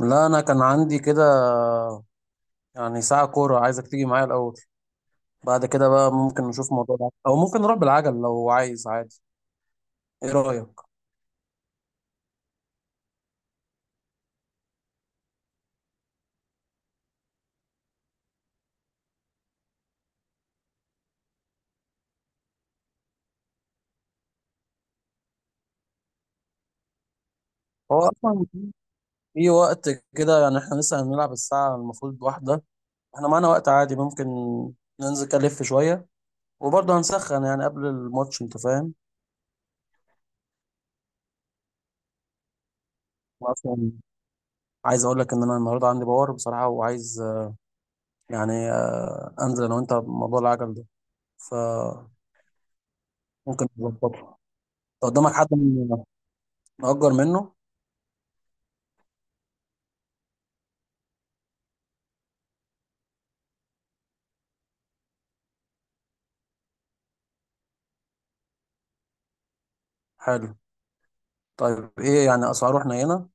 لا، انا كان عندي كده، يعني ساعة كورة عايزك تيجي معايا الاول. بعد كده بقى ممكن نشوف موضوع العجل. او ممكن نروح بالعجل لو عايز عادي. ايه رأيك؟ هو اصلا في وقت كده، يعني احنا لسه هنلعب الساعة المفروض واحدة. احنا معانا وقت عادي، ممكن ننزل كده نلف شوية، وبرضه هنسخن يعني قبل الماتش، انت فاهم. اصلا عايز اقول لك ان انا النهارده عندي باور بصراحة، وعايز يعني انزل انا وانت بموضوع العجل ده. فممكن نظبطه. لو قدامك حد نأجر منه. حلو. طيب ايه يعني اسعاره حنينه؟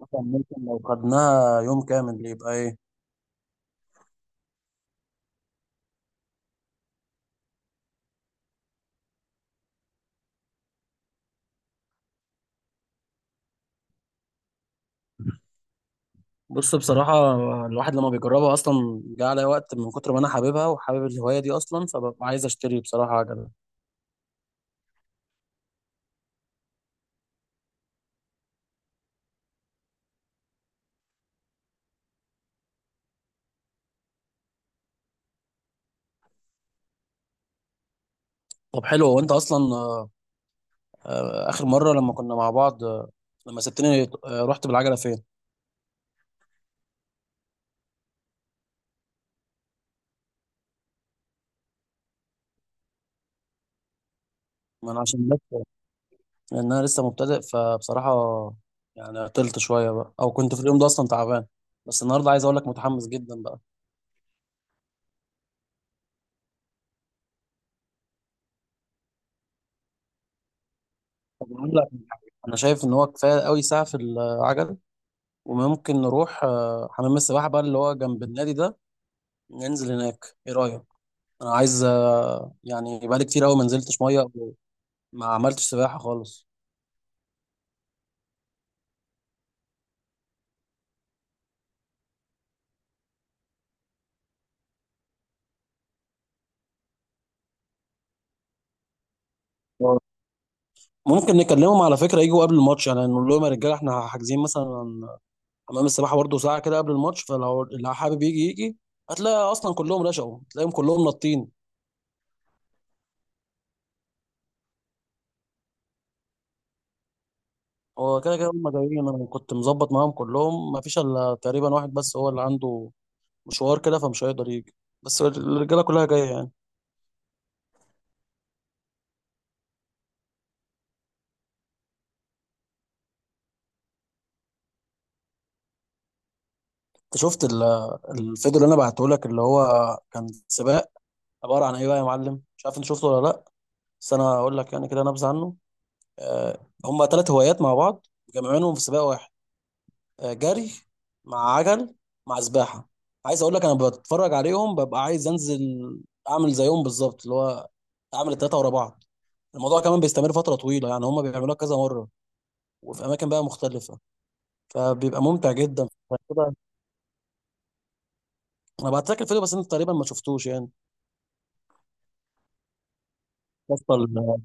مثلا ممكن لو خدناها يوم كامل يبقى ايه؟ بص بصراحة، الواحد لما بيجربها أصلا جه عليا وقت من كتر ما أنا حاببها وحابب الهواية دي أصلا، فببقى عايز أشتري بصراحة عجلة. طب حلو. وأنت أصلا آخر مرة لما كنا مع بعض لما سبتني رحت بالعجلة فين؟ ما أنا عشان بس، لأن أنا لسه مبتدئ فبصراحة يعني عطلت شوية بقى، أو كنت في اليوم ده أصلا تعبان. بس النهاردة عايز أقول لك متحمس جدا بقى. طب أقول لك، أنا شايف إن هو كفاية قوي ساعة في العجلة، وممكن نروح حمام السباحة بقى اللي هو جنب النادي ده، ننزل هناك. ايه رأيك؟ انا عايز يعني بقالي كتير قوي ما نزلتش مية أو ما عملتش سباحة خالص. آه. ممكن نكلمهم على فكرة يجوا قبل الماتش، يعني نقول لهم يا رجالة احنا حاجزين مثلا حمام السباحة برضه ساعة كده قبل الماتش، فلو اللي حابب يجي يجي. هتلاقي أصلا كلهم رشقوا، تلاقيهم كلهم نطين. هو كده كده هم جايين، أنا كنت مظبط معاهم كلهم، ما فيش إلا تقريبا واحد بس هو اللي عنده مشوار كده فمش هيقدر يجي، بس الرجالة كلها جاية يعني. انت شفت الفيديو اللي انا بعته لك اللي هو كان سباق، عباره عن ايه بقى يا معلم؟ مش عارف انت شفته ولا لا. بس انا هقول لك يعني كده نبذه عنه. آه، هما ثلاث هوايات مع بعض، مجمعينهم في سباق واحد: جري مع عجل مع سباحه. عايز اقول لك انا بتفرج عليهم ببقى عايز انزل اعمل زيهم بالظبط، اللي هو اعمل الثلاثه ورا بعض. الموضوع كمان بيستمر فتره طويله، يعني هما بيعملوها كذا مره وفي اماكن بقى مختلفه، فبيبقى ممتع جدا كده. انا بعت لك الفيديو بس انت تقريبا ما شفتوش يعني.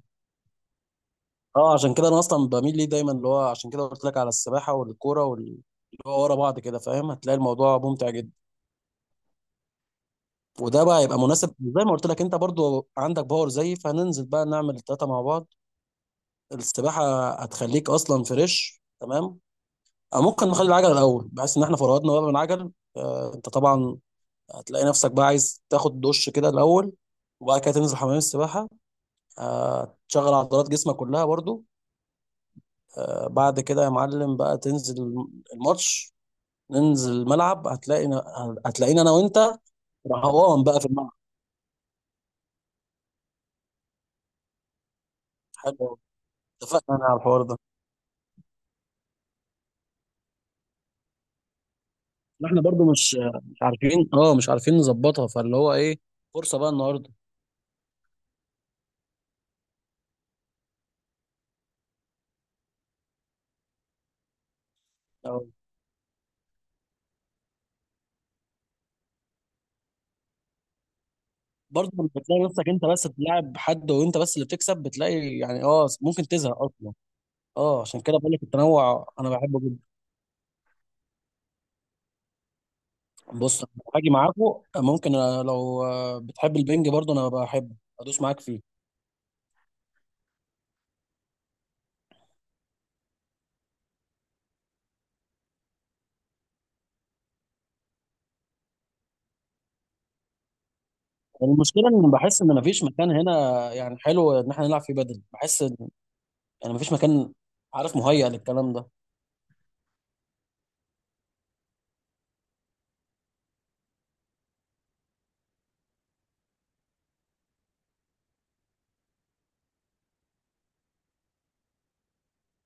اه عشان كده انا اصلا بميل ليه دايما، اللي هو عشان كده قلت لك على السباحه والكوره اللي هو ورا بعض كده، فاهم؟ هتلاقي الموضوع ممتع جدا. وده بقى يبقى مناسب زي ما قلت لك، انت برضو عندك باور زيي، فهننزل بقى نعمل التلاته مع بعض. السباحه هتخليك اصلا فريش، تمام. او ممكن نخلي العجل الاول، بحيث ان احنا فرهدنا بقى من العجل. انت طبعا هتلاقي نفسك بقى عايز تاخد دش كده الاول، وبعد كده تنزل حمام السباحه، تشغل عضلات جسمك كلها برضو، بعد كده يا معلم بقى تنزل الماتش، ننزل الملعب هتلاقينا انا وانت رهوان بقى في الملعب. حلو أوي. اتفقنا انا على الحوار ده. احنا برضو مش عارفين، اه مش عارفين نظبطها، فاللي هو ايه، فرصة بقى النهارده. أو برضه لما بتلاقي نفسك انت بس بتلعب حد وانت بس اللي بتكسب، بتلاقي يعني ممكن تزهق اصلا. اه عشان كده بقول لك التنوع انا بحبه جدا. بص أنا هاجي معاكم. ممكن أنا لو بتحب البنج برضه انا بحبه، ادوس معاك فيه. المشكله ان بحس ان مفيش مكان هنا، يعني حلو ان احنا نلعب فيه بدل، بحس يعني مفيش مكان، عارف، مهيأ للكلام ده.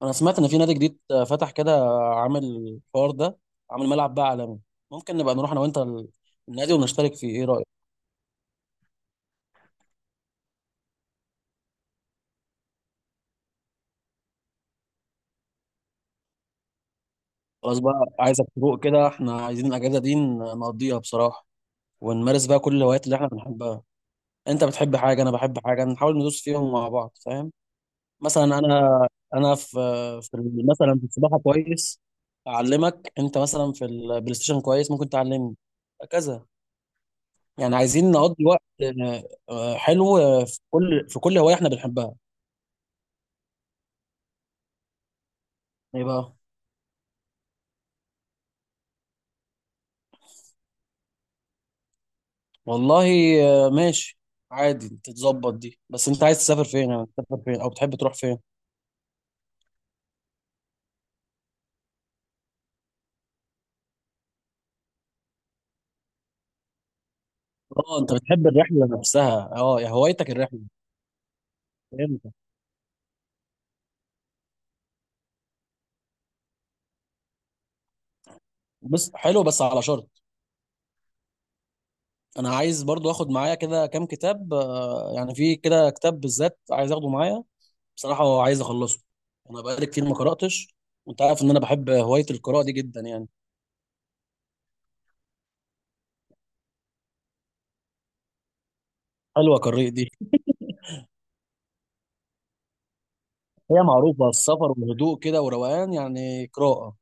انا سمعت ان في نادي جديد فتح كده عامل الحوار ده، عامل ملعب بقى عالمي. ممكن نبقى نروح انا وانت النادي ونشترك فيه. ايه رأيك؟ خلاص بقى. عايزك تروق كده، احنا عايزين الاجازة دي نقضيها بصراحة، ونمارس بقى كل الهوايات اللي احنا بنحبها. انت بتحب حاجة، انا بحب حاجة، نحاول ندوس فيهم مع بعض، فاهم؟ مثلا انا في مثلا في السباحة كويس، اعلمك. انت مثلا في البلاي ستيشن كويس، ممكن تعلمني، هكذا. يعني عايزين نقضي وقت حلو في كل هواية احنا بنحبها. ايه بقى؟ والله ماشي. عادي تتظبط دي، بس انت عايز تسافر فين؟ يعني تسافر فين او بتحب تروح فين؟ اه انت بتحب الرحلة نفسها، اه يا هوايتك الرحلة. فهمت. بس حلو بس على شرط. انا عايز برضو اخد معايا كده كام كتاب، يعني في كده كتاب بالذات عايز اخده معايا، بصراحة هو عايز اخلصه. انا بقالي كتير ما قرأتش، وانت عارف ان انا بحب هواية القراءة دي جدا يعني. حلوة قراءة دي. هي معروفة، السفر وهدوء كده وروقان، يعني قراءة.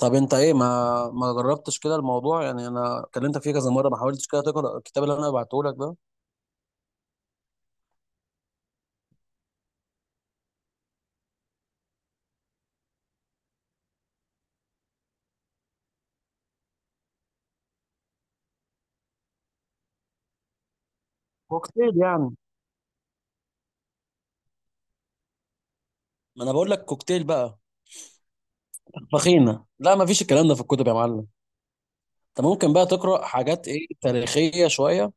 طب انت ايه، ما جربتش كده الموضوع؟ يعني انا كلمتك فيه كذا مرة، ما حاولتش كده تقرا الكتاب اللي انا بعته لك ده. كوكتيل يعني. ما انا بقول لك كوكتيل بقى. فخينة. لا ما فيش الكلام ده في الكتب يا معلم. انت ممكن بقى تقرا حاجات ايه، تاريخية شوية.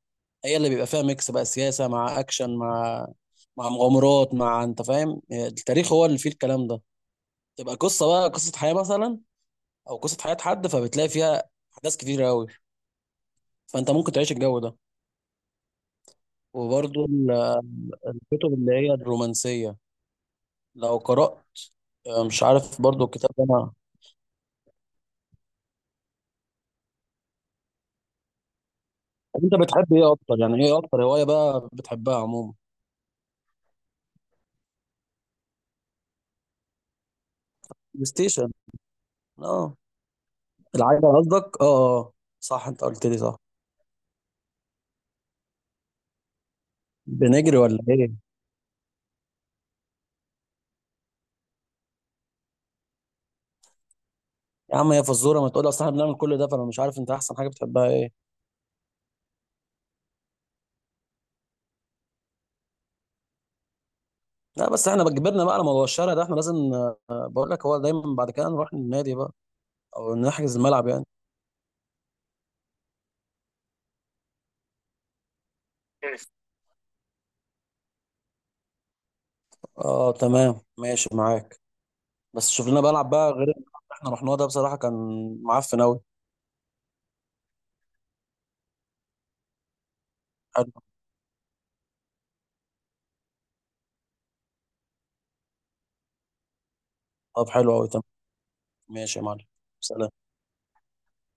هي اللي بيبقى فيها ميكس بقى، سياسة مع اكشن مع مغامرات مع، انت فاهم؟ التاريخ هو اللي فيه الكلام ده. تبقى قصة بقى قصة حياة مثلا، او قصة حياة حد، فبتلاقي فيها احداث كتير قوي، فانت ممكن تعيش الجو ده. وبرضو الكتب اللي هي الرومانسيه لو قرات مش عارف برضو الكتاب ده انا. طب انت بتحب ايه اكتر، يعني ايه اكتر هوايه بقى بتحبها عموما؟ بلاي ستيشن؟ اه. العجله قصدك. اه اه، آه. صح، انت قلت لي، صح. بنجري ولا ايه؟ يا عم هي فزوره؟ ما تقول لي، اصل احنا بنعمل كل ده فانا مش عارف انت احسن حاجه بتحبها ايه. لا، بس احنا بتجبرنا بقى على موضوع الشارع ده. احنا لازم بقول لك هو دايما بعد كده نروح النادي بقى، او نحجز الملعب يعني. اه تمام ماشي معاك. بس شغلنا بلعب بقى غير اللي احنا رحناه ده، بصراحة كان معفن أوي. حلو. طب حلو أوي، تمام. ماشي يا معلم. سلام.